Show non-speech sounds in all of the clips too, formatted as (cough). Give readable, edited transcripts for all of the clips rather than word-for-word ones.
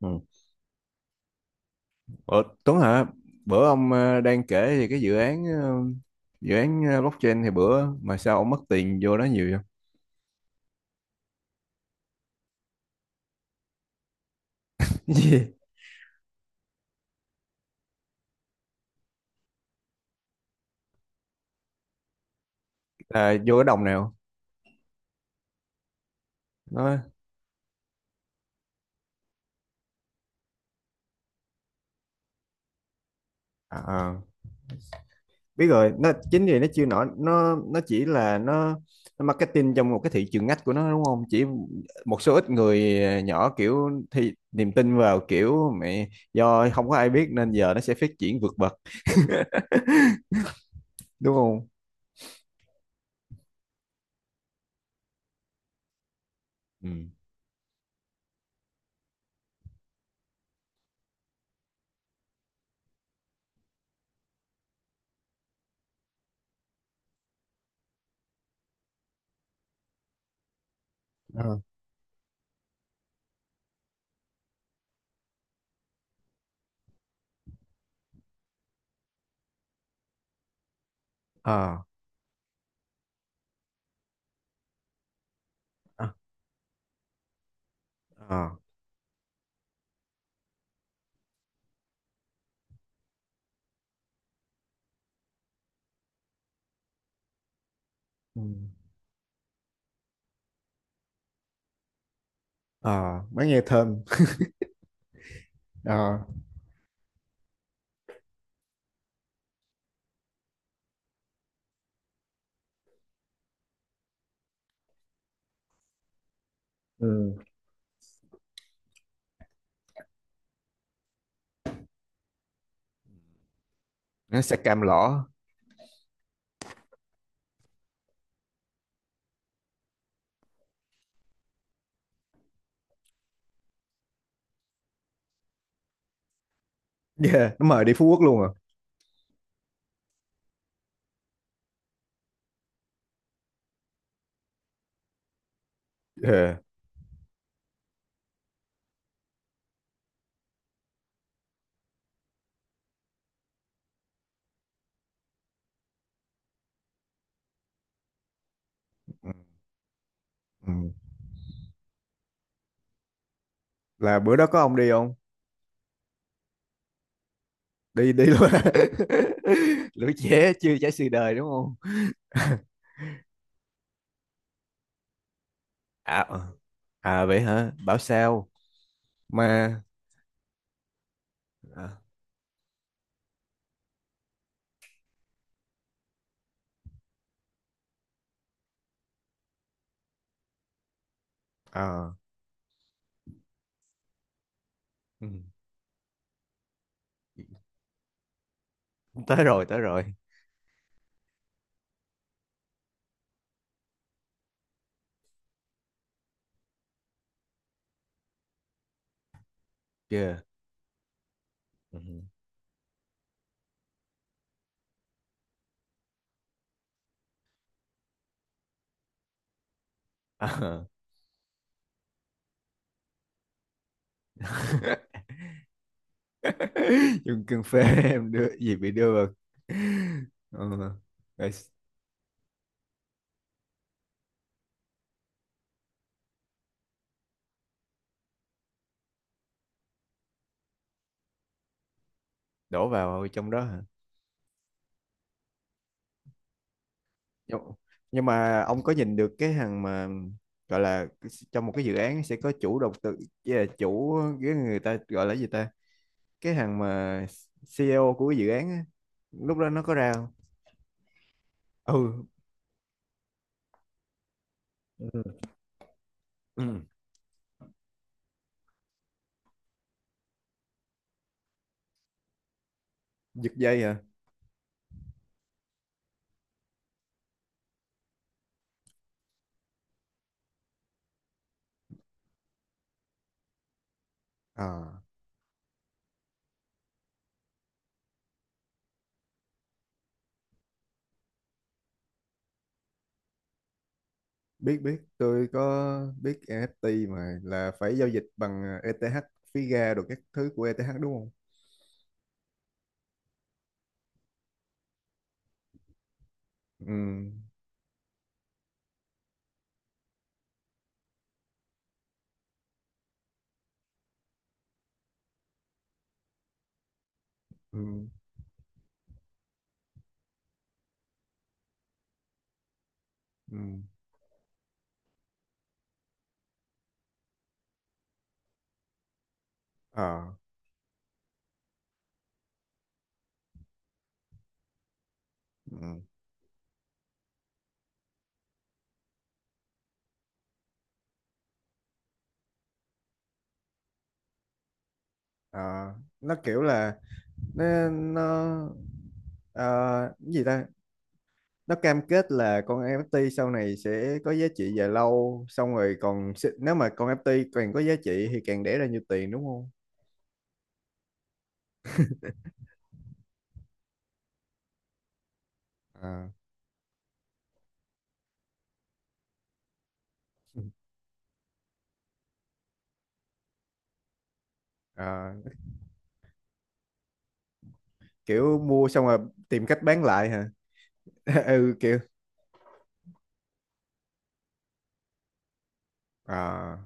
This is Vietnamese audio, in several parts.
Ừ. Ờ, Tuấn hả? Bữa ông đang kể thì cái dự án blockchain thì bữa mà sao ông mất tiền vô đó nhiều vậy? (laughs) Gì? Là vô cái đồng nào? Nó à, à, biết rồi nó chính vì nó chưa nổi nó chỉ là nó marketing trong một cái thị trường ngách của nó, đúng không? Chỉ một số ít người nhỏ kiểu thì niềm tin vào kiểu mẹ, do không có ai biết nên giờ nó sẽ phát triển vượt bậc, đúng không? Ừ. Ờ. Ờ. À. Ờ. Ừ. Ờ, mới nghe thơm. Ờ. Ừ. Nó sẽ cam lõ. Yeah, nó mời đi Phú Quốc luôn à? Ờ. Ừ. Ừ. Là bữa đó có ông đi không? Đi đi luôn. (laughs) Lũ trẻ chưa trải sự đời, đúng không? (laughs) À, ờ. À vậy hả, bảo sao. Mà à, ờ. Ừ. Tới rồi, tới rồi. Chưa. Ừ. À. (laughs) Dùng cưng phê, em đưa gì bị đưa vào. (laughs) Ừ. Rồi. Đổ vào trong đó hả? Nhưng nhưng mà ông có nhìn được cái hàng mà, gọi là trong một cái dự án sẽ có chủ đầu tư với là chủ, cái người ta gọi là gì ta, cái hàng mà CEO của cái dự án á, lúc đó nó có ra không? Ừ. Ừ. Ừ. Giật dây hả? À, biết biết tôi có biết NFT, mà là phải giao dịch bằng ETH, phí gas đồ các thứ của ETH, đúng không? Ừ. Ừ. Ừ. Ờ. Ừ. Ờ. Nó kiểu là, nên nó ờ, cái gì ta, nó cam kết là con NFT sau này sẽ có giá trị dài lâu, xong rồi còn sẽ- nếu mà con NFT càng có giá trị thì càng đẻ ra nhiều tiền, đúng không? À, à, kiểu mua xong rồi tìm cách bán lại hả? (laughs) Ừ kiểu, à.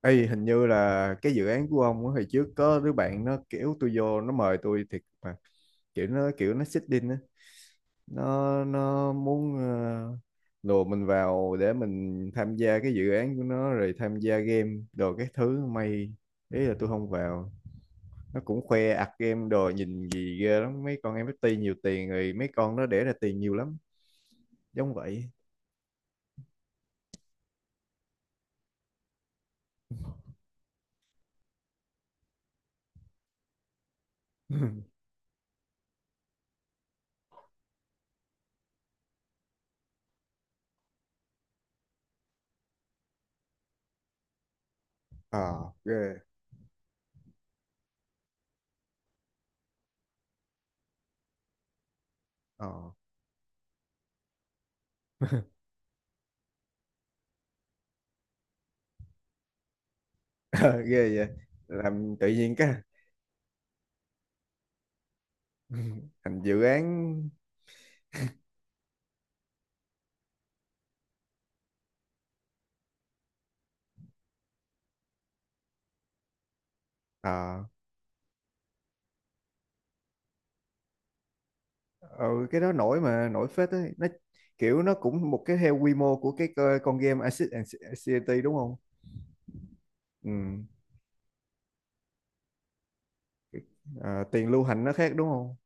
Ê, hình như là cái dự án của ông á, hồi trước có đứa bạn nó kiểu tôi vô, nó mời tôi thiệt mà, kiểu nó xích đinh á, nó muốn lùa mình vào để mình tham gia cái dự án của nó rồi tham gia game đồ các thứ. May, ý là tôi không vào. Nó cũng khoe ạc game đồ nhìn gì ghê lắm, mấy con em NFT nhiều tiền rồi mấy con nó để ra tiền nhiều lắm, giống vậy. (laughs) Ờ ghê. Ờ. (laughs) Ờ, ghê vậy. Làm tự nhiên cái. (laughs) Ừ, thành dự án. Ờ. Ờ, cái đó nổi mà, nổi phết ấy. Nó kiểu nó cũng một cái theo quy mô của cái co- con game Acid and Anxiety, đúng không? Ừ. Ờ, tiền lưu hành nó khác đúng không?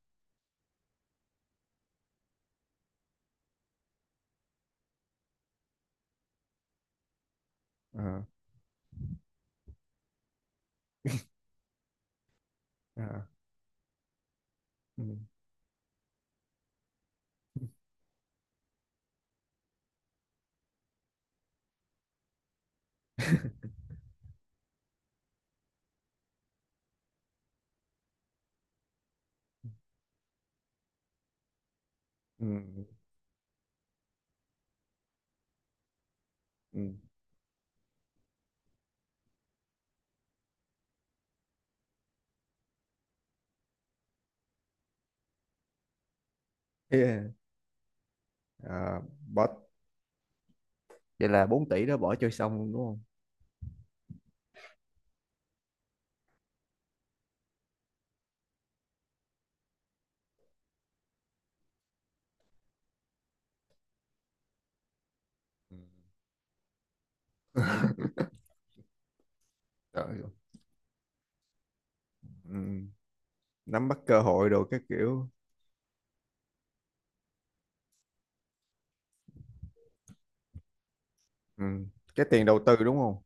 Ờ. Ờ. Ừ. (laughs) Ừ. Ừ. Yeah. Ờ, bỏ, vậy là 4 tỷ đó bỏ chơi xong luôn đúng không? Ừ. Trời. Ừ. Nắm bắt cơ hội đồ các kiểu. Ừ. Cái tiền đầu tư đúng không?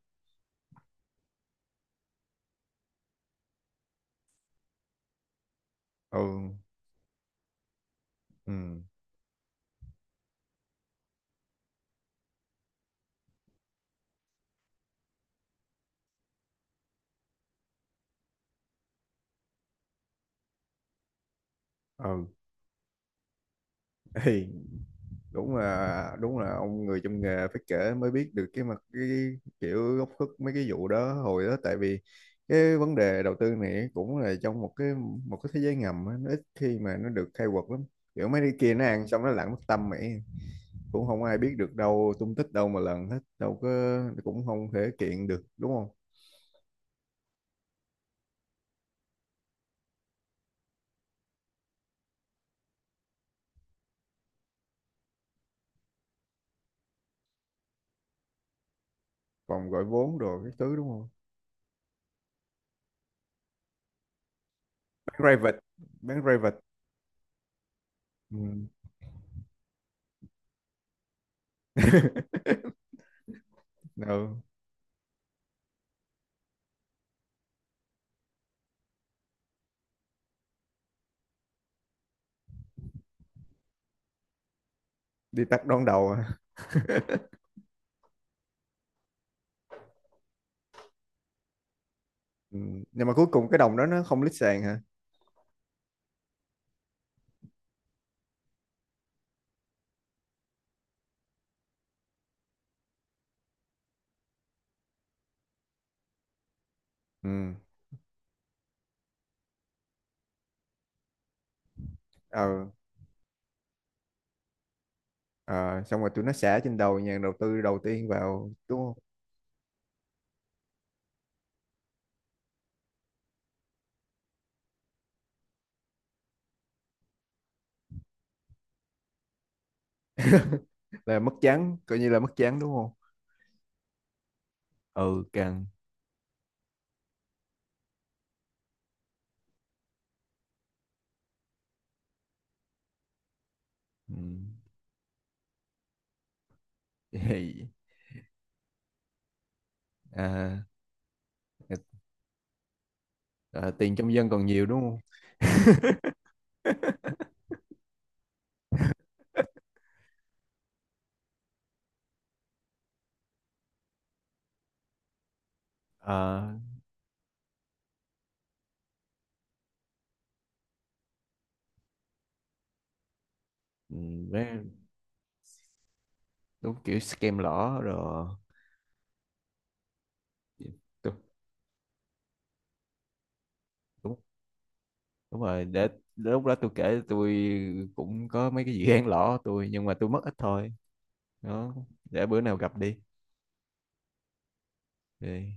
Ừ. Ừ. Ừ. (laughs) Đúng là, đúng là ông người trong nghề phải kể mới biết được cái mặt, cái kiểu góc khuất mấy cái vụ đó. Hồi đó tại vì cái vấn đề đầu tư này cũng là trong một cái, một cái thế giới ngầm á, nó ít khi mà nó được khai quật lắm, kiểu mấy cái kia nó ăn xong nó lặn mất tâm mày, cũng không ai biết được đâu, tung tích đâu mà lần hết, đâu có. Cũng không thể kiện được đúng không? Vòng gọi vốn rồi cái thứ đúng không? Bán private. Bán private. Ừ. (laughs) Ừ. Đi tắt đón đầu à. Ừ. Nhưng mà cuối cùng cái đồng đó nó không lít sàn hả? Ừ. Ờ. Ờ, xong rồi tụi nó xả trên đầu nhà đầu tư đầu tiên vào đúng không? Là mất trắng, coi như là mất trắng đúng không? Ừ căng. Ừ. Vậy, à, à, tiền trong dân còn nhiều đúng không? À. Ừ. Mấy, đúng kiểu scam lỏ rồi. Đúng, đúng. Đúng rồi, để đến lúc đó tôi kể. Tôi cũng có mấy cái dự án lỏ tôi, nhưng mà tôi mất ít thôi. Đó, để bữa nào gặp đi. Thì-